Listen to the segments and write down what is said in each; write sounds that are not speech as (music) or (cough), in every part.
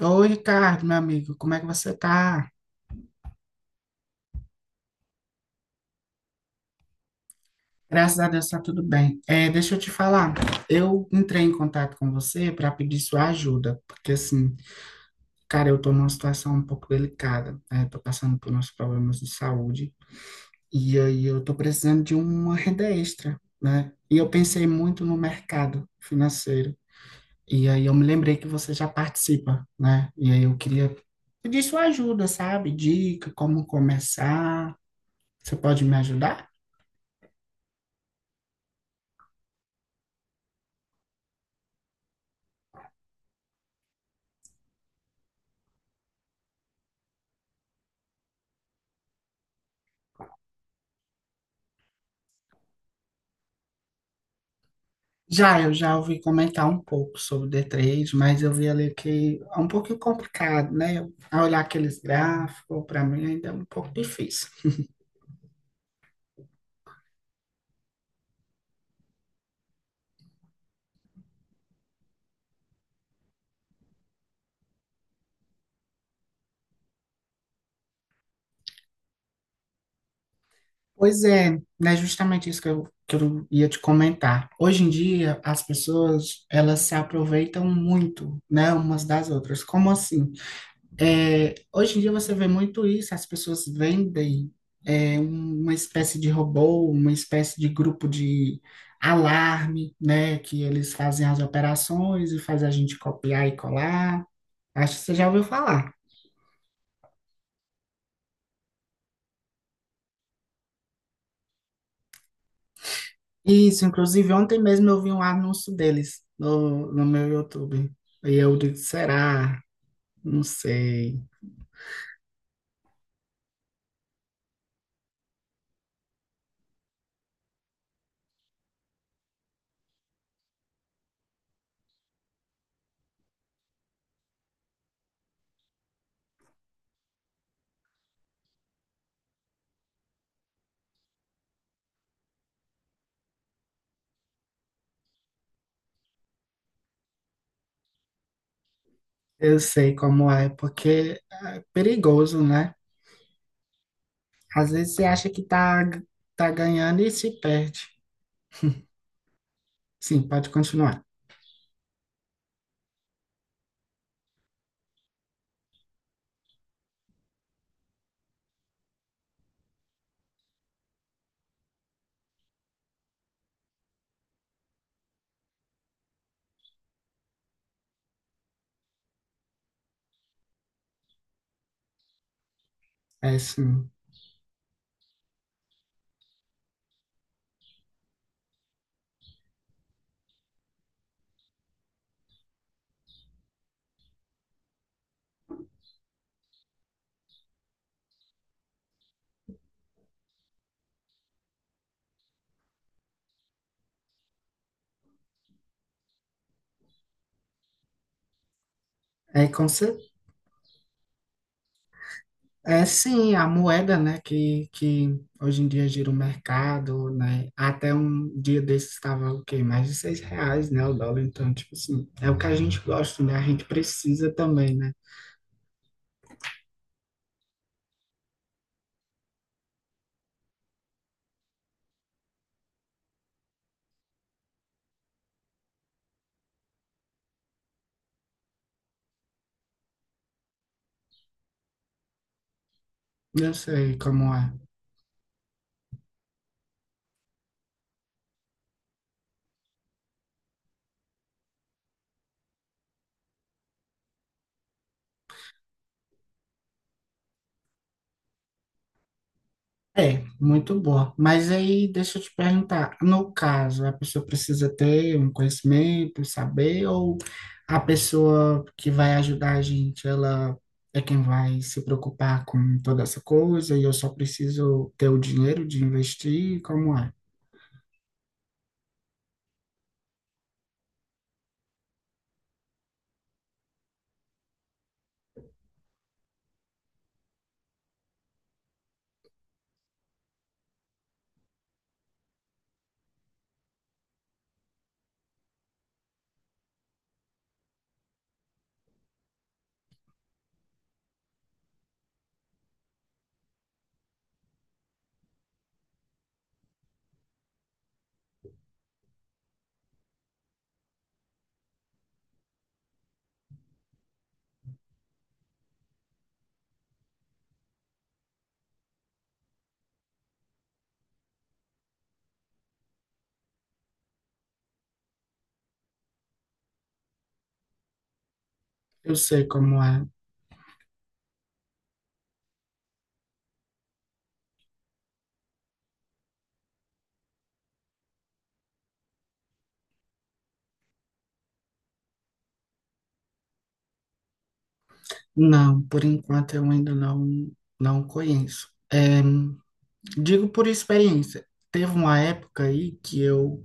Oi, Ricardo, meu amigo, como é que você tá? Graças a Deus tá tudo bem. É, deixa eu te falar, eu entrei em contato com você para pedir sua ajuda, porque assim, cara, eu tô numa situação um pouco delicada, né? Tô passando por uns problemas de saúde e aí eu tô precisando de uma renda extra, né? E eu pensei muito no mercado financeiro e aí eu me lembrei que você já participa, né? E aí eu queria pedir sua ajuda, sabe? Dica, como começar. Você pode me ajudar? Já, eu já ouvi comentar um pouco sobre o D3, mas eu vi ali que é um pouquinho complicado, né? A olhar aqueles gráficos, para mim ainda é um pouco difícil. Pois é, né? Justamente isso que eu ia te comentar. Hoje em dia, as pessoas, elas se aproveitam muito, né? Umas das outras. Como assim? É, hoje em dia você vê muito isso, as pessoas vendem uma espécie de robô, uma espécie de grupo de alarme, né? Que eles fazem as operações e faz a gente copiar e colar. Acho que você já ouviu falar. Isso, inclusive ontem mesmo eu vi um anúncio deles no meu YouTube. E eu disse, será? Não sei. Eu sei como é, porque é perigoso, né? Às vezes você acha que tá ganhando e se perde. Sim, pode continuar. É sim. É, com cer- É sim, a moeda, né, que hoje em dia gira o mercado, né? Até um dia desses estava o quê? Mais de R$ 6, né, o dólar. Então, tipo assim, é o que a gente gosta, né? A gente precisa também, né? Eu sei como é. É, muito boa. Mas aí, deixa eu te perguntar, no caso, a pessoa precisa ter um conhecimento, saber, ou a pessoa que vai ajudar a gente, ela é quem vai se preocupar com toda essa coisa e eu só preciso ter o dinheiro de investir? Como é? Eu sei como é. Não, por enquanto eu ainda não conheço. Digo por experiência. Teve uma época aí que eu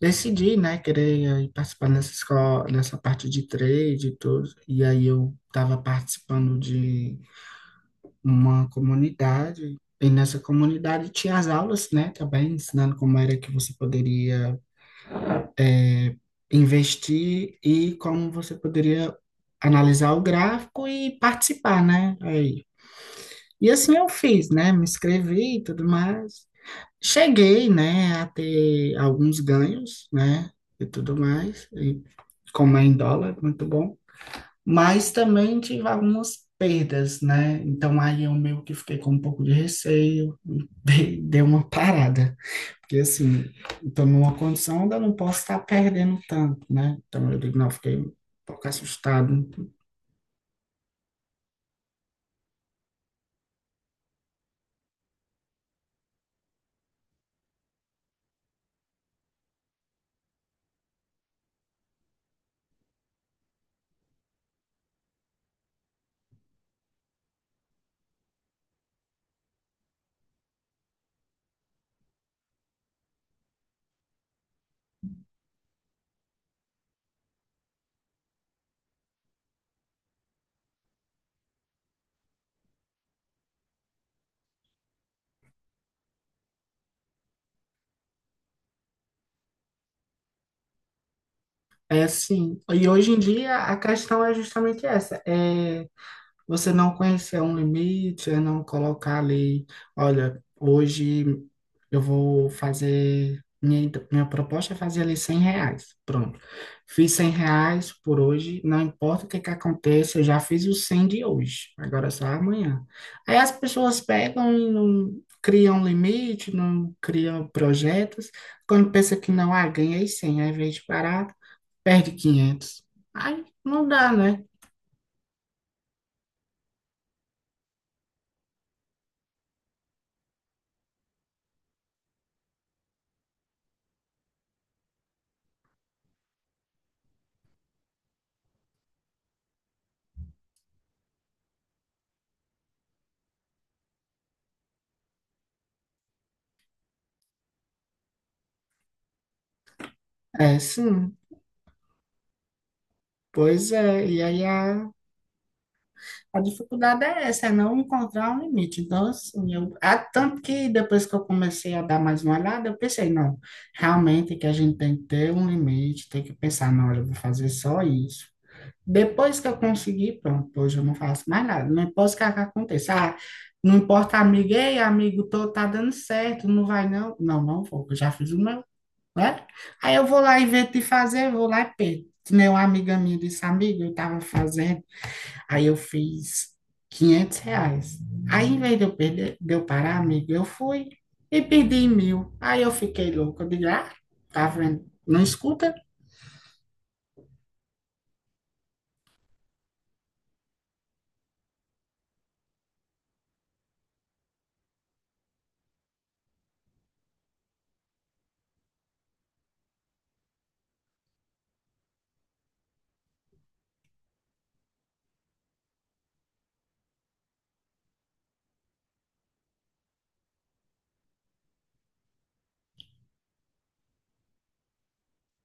decidi, né, querer aí participar nessa escola, nessa parte de trade e tudo. E aí eu estava participando de uma comunidade. E nessa comunidade tinha as aulas, né, também ensinando como era que você poderia é, investir e como você poderia analisar o gráfico e participar, né? Aí. E assim eu fiz, né? Me inscrevi e tudo mais. Cheguei, né, a ter alguns ganhos, né, e tudo mais, e como é em dólar, muito bom, mas também tive algumas perdas, né, então aí eu meio que fiquei com um pouco de receio, (laughs) dei uma parada, porque assim, estou numa condição onde eu não posso estar perdendo tanto, né, então eu digo, não, fiquei um pouco assustado. É assim, e hoje em dia a questão é justamente essa, é você não conhecer um limite, é não colocar ali, olha, hoje eu vou fazer, minha proposta é fazer ali R$ 100, pronto. Fiz R$ 100 por hoje, não importa o que que aconteça, eu já fiz os 100 de hoje, agora é só amanhã. Aí as pessoas pegam e não criam limite, não criam projetos, quando pensa que não, ah, ganhei 100 aí vez de parar, perde 500. Aí não dá, né? É, sim. Pois é, e aí a dificuldade é essa, é não encontrar um limite. Então, assim, eu, há tanto que depois que eu comecei a dar mais uma olhada, eu pensei, não, realmente que a gente tem que ter um limite, tem que pensar, não, olha, eu vou fazer só isso. Depois que eu conseguir, pronto, hoje eu não faço mais nada, não importa o que aconteça. Ah, não importa, amigo, ei, amigo, tô, tá dando certo, não vai não? Não, não vou, eu já fiz o meu, né? Aí eu vou lá, invento de fazer, eu vou lá e perco. Que nem uma amiga minha disse, amiga, eu tava fazendo. Aí eu fiz R$ 500. Aí, em vez de eu, perder, de eu parar, amigo, eu fui e perdi 1.000. Aí eu fiquei louco. Eu digo, ah, tá vendo? Não escuta?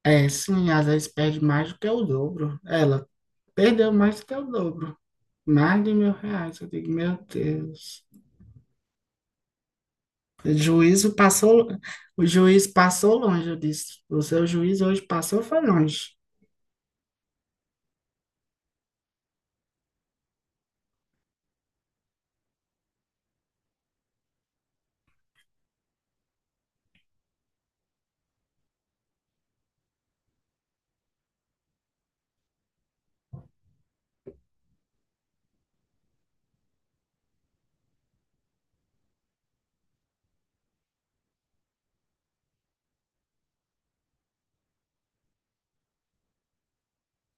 É, sim, às vezes perde mais do que o dobro. Ela perdeu mais do que o dobro. Mais de R$ 1.000. Eu digo, meu Deus. O juízo passou, o juiz passou longe, eu disse. O seu juiz hoje passou, foi longe.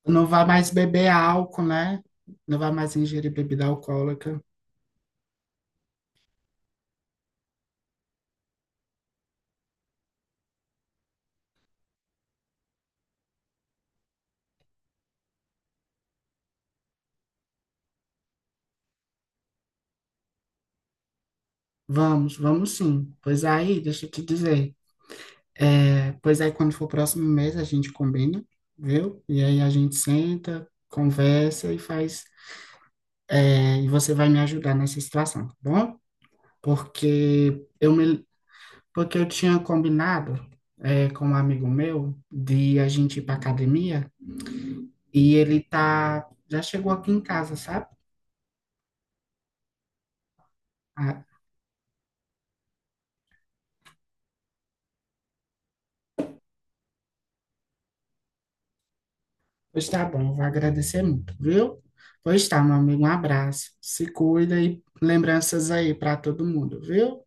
Não vai mais beber álcool, né? Não vai mais ingerir bebida alcoólica. Vamos, vamos sim. Pois aí, deixa eu te dizer. É, pois aí, quando for o próximo mês, a gente combina, viu? E aí a gente senta, conversa e faz. É, e você vai me ajudar nessa situação, tá bom? Porque eu me, porque eu tinha combinado, é, com um amigo meu de a gente ir pra academia e ele tá, já chegou aqui em casa, sabe? Pois tá bom, vou agradecer muito, viu? Pois tá, meu amigo, um abraço. Se cuida e lembranças aí para todo mundo, viu?